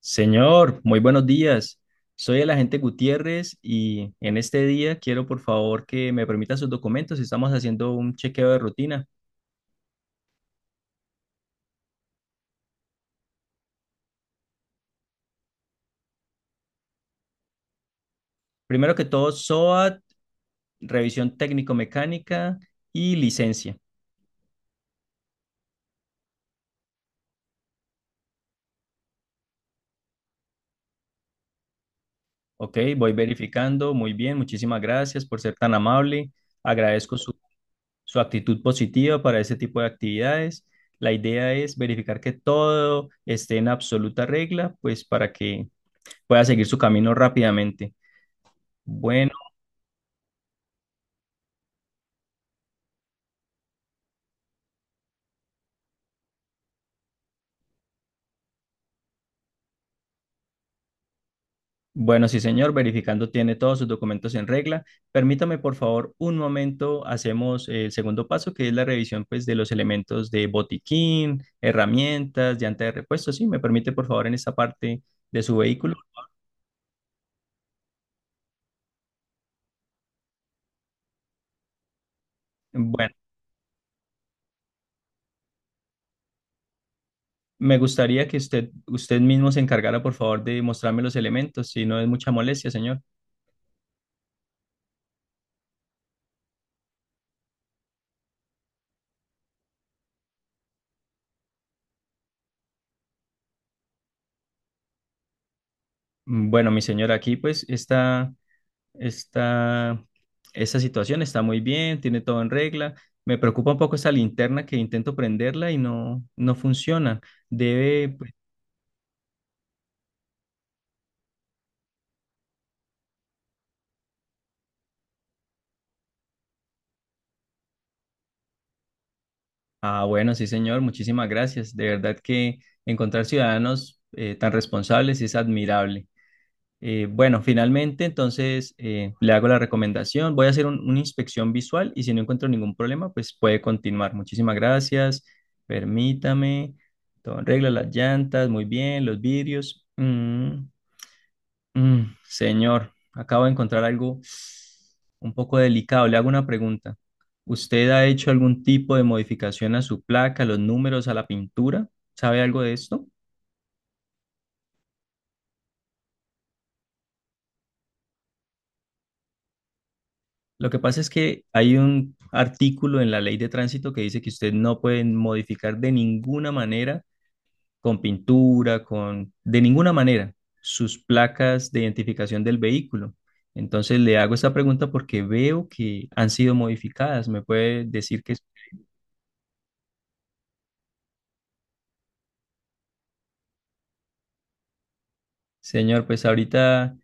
Señor, muy buenos días. Soy el agente Gutiérrez y en este día quiero por favor que me permita sus documentos. Estamos haciendo un chequeo de rutina. Primero que todo, SOAT, revisión técnico-mecánica y licencia. Ok, voy verificando. Muy bien, muchísimas gracias por ser tan amable. Agradezco su actitud positiva para ese tipo de actividades. La idea es verificar que todo esté en absoluta regla, pues para que pueda seguir su camino rápidamente. Bueno. Bueno, sí, señor, verificando tiene todos sus documentos en regla. Permítame, por favor, un momento. Hacemos el segundo paso, que es la revisión, pues, de los elementos de botiquín, herramientas, llanta de repuesto. Sí, me permite, por favor, en esta parte de su vehículo. Bueno, me gustaría que usted mismo se encargara, por favor, de mostrarme los elementos, si no es mucha molestia, señor. Bueno, mi señor, aquí, pues, está. Está, esa situación está muy bien, tiene todo en regla. Me preocupa un poco esa linterna que intento prenderla y no, no funciona. Debe, pues, ah, bueno, sí, señor, muchísimas gracias. De verdad que encontrar ciudadanos tan responsables es admirable. Bueno, finalmente, entonces le hago la recomendación. Voy a hacer una inspección visual y si no encuentro ningún problema, pues puede continuar. Muchísimas gracias. Permítame. Todo en regla, las llantas, muy bien, los vidrios. Señor, acabo de encontrar algo un poco delicado. Le hago una pregunta. ¿Usted ha hecho algún tipo de modificación a su placa, a los números, a la pintura? ¿Sabe algo de esto? Lo que pasa es que hay un artículo en la ley de tránsito que dice que usted no puede modificar de ninguna manera, con pintura, con, de ninguna manera, sus placas de identificación del vehículo. Entonces le hago esta pregunta porque veo que han sido modificadas. ¿Me puede decir qué? Señor, pues ahorita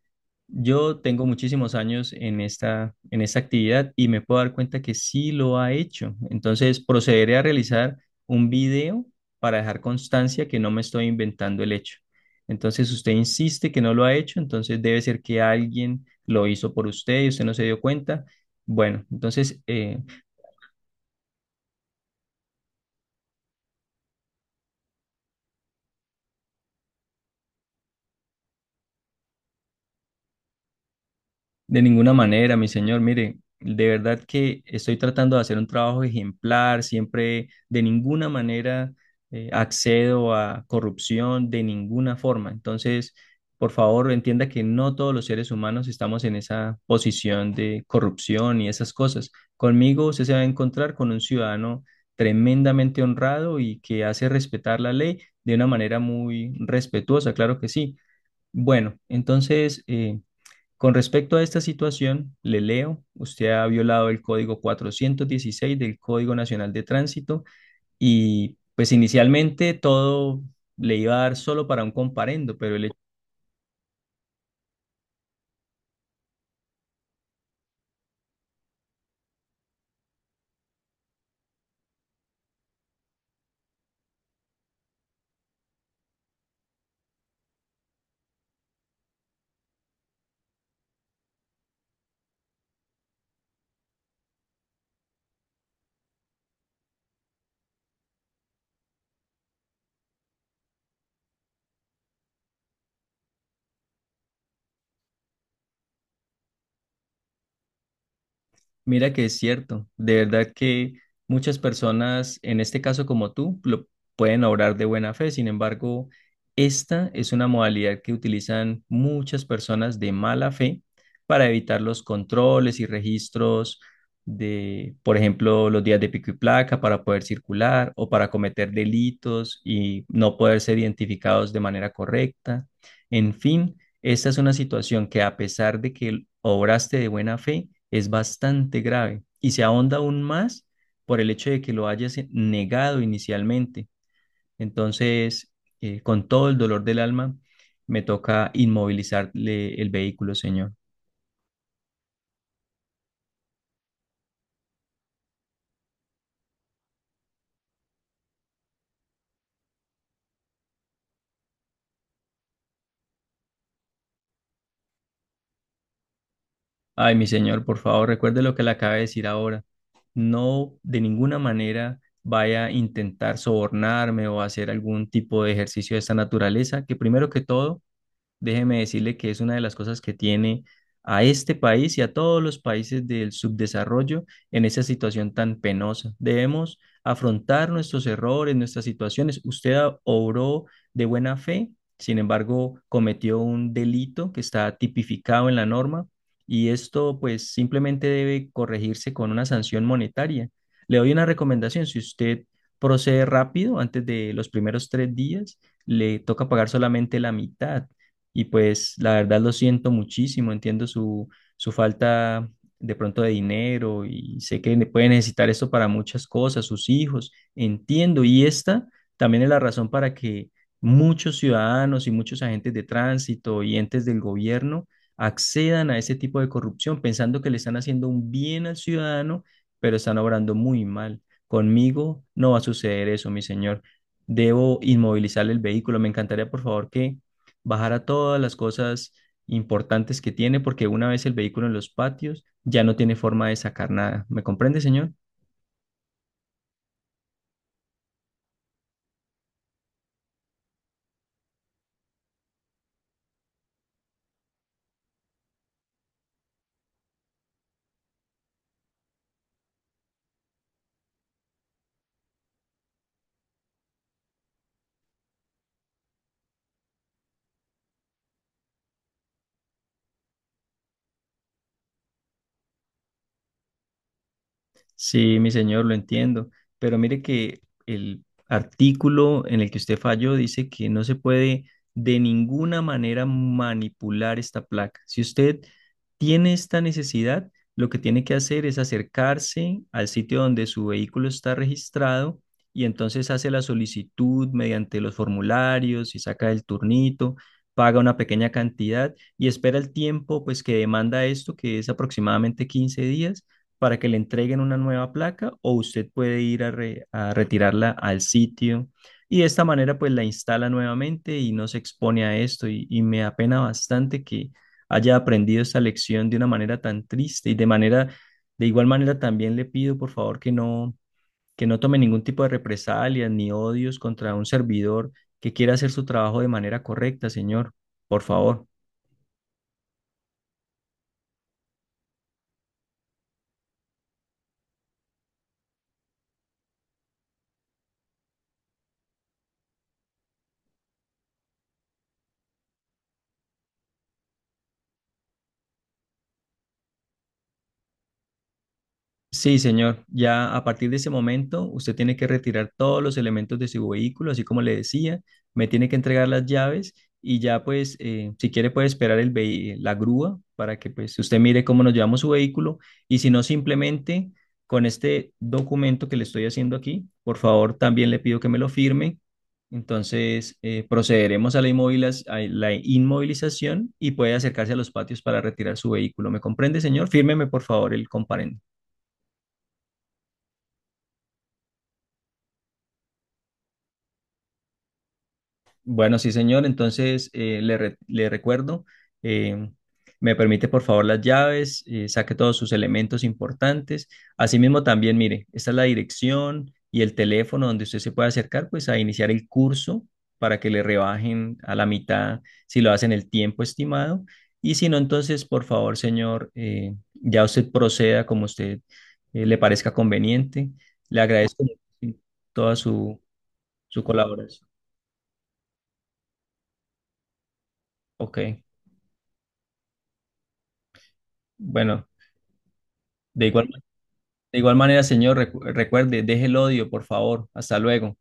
yo tengo muchísimos años en esta actividad y me puedo dar cuenta que sí lo ha hecho. Entonces, procederé a realizar un video para dejar constancia que no me estoy inventando el hecho. Entonces, usted insiste que no lo ha hecho, entonces debe ser que alguien lo hizo por usted y usted no se dio cuenta. Bueno, entonces, de ninguna manera, mi señor. Mire, de verdad que estoy tratando de hacer un trabajo ejemplar, siempre de ninguna manera accedo a corrupción, de ninguna forma. Entonces, por favor, entienda que no todos los seres humanos estamos en esa posición de corrupción y esas cosas. Conmigo usted se va a encontrar con un ciudadano tremendamente honrado y que hace respetar la ley de una manera muy respetuosa, claro que sí. Bueno, entonces... con respecto a esta situación, le leo, usted ha violado el código 416 del Código Nacional de Tránsito y pues inicialmente todo le iba a dar solo para un comparendo, pero el... Mira que es cierto, de verdad que muchas personas, en este caso como tú, lo pueden obrar de buena fe, sin embargo, esta es una modalidad que utilizan muchas personas de mala fe para evitar los controles y registros de, por ejemplo, los días de pico y placa para poder circular o para cometer delitos y no poder ser identificados de manera correcta. En fin. Esta es una situación que a pesar de que obraste de buena fe, es bastante grave y se ahonda aún más por el hecho de que lo hayas negado inicialmente. Entonces, con todo el dolor del alma, me toca inmovilizarle el vehículo, señor. Ay, mi señor, por favor, recuerde lo que le acabo de decir ahora. No, de ninguna manera vaya a intentar sobornarme o hacer algún tipo de ejercicio de esta naturaleza, que primero que todo, déjeme decirle que es una de las cosas que tiene a este país y a todos los países del subdesarrollo en esa situación tan penosa. Debemos afrontar nuestros errores, nuestras situaciones. Usted obró de buena fe, sin embargo, cometió un delito que está tipificado en la norma y esto pues simplemente debe corregirse con una sanción monetaria. Le doy una recomendación, si usted procede rápido, antes de los primeros 3 días, le toca pagar solamente la mitad y pues la verdad lo siento muchísimo, entiendo su falta de pronto de dinero y sé que puede necesitar esto para muchas cosas, sus hijos, entiendo. Y esta también es la razón para que muchos ciudadanos y muchos agentes de tránsito y entes del gobierno accedan a ese tipo de corrupción pensando que le están haciendo un bien al ciudadano, pero están obrando muy mal. Conmigo no va a suceder eso, mi señor. Debo inmovilizar el vehículo. Me encantaría, por favor, que bajara todas las cosas importantes que tiene, porque una vez el vehículo en los patios ya no tiene forma de sacar nada. ¿Me comprende, señor? Sí, mi señor, lo entiendo, pero mire que el artículo en el que usted falló dice que no se puede de ninguna manera manipular esta placa. Si usted tiene esta necesidad, lo que tiene que hacer es acercarse al sitio donde su vehículo está registrado y entonces hace la solicitud mediante los formularios y saca el turnito, paga una pequeña cantidad y espera el tiempo pues que demanda esto, que es aproximadamente 15 días para que le entreguen una nueva placa o usted puede ir a, a retirarla al sitio y de esta manera pues la instala nuevamente y no se expone a esto y me apena bastante que haya aprendido esta lección de una manera tan triste y de manera, de igual manera también le pido por favor que no tome ningún tipo de represalias ni odios contra un servidor que quiera hacer su trabajo de manera correcta, señor, por favor. Sí, señor. Ya a partir de ese momento, usted tiene que retirar todos los elementos de su vehículo, así como le decía, me tiene que entregar las llaves y ya pues, si quiere puede esperar el la grúa para que pues usted mire cómo nos llevamos su vehículo y si no, simplemente con este documento que le estoy haciendo aquí, por favor, también le pido que me lo firme. Entonces, procederemos a la a la inmovilización y puede acercarse a los patios para retirar su vehículo. ¿Me comprende, señor? Fírmeme, por favor, el comparendo. Bueno, sí, señor. Entonces, le, le recuerdo, eh, me permite por favor las llaves, saque todos sus elementos importantes. Asimismo, también, mire, esta es la dirección y el teléfono donde usted se puede acercar, pues, a iniciar el curso para que le rebajen a la mitad si lo hacen el tiempo estimado. Y si no, entonces, por favor, señor, ya usted proceda como usted le parezca conveniente. Le agradezco toda su colaboración. Ok, bueno. De igual, de igual manera, señor, recuerde, deje el odio, por favor. Hasta luego.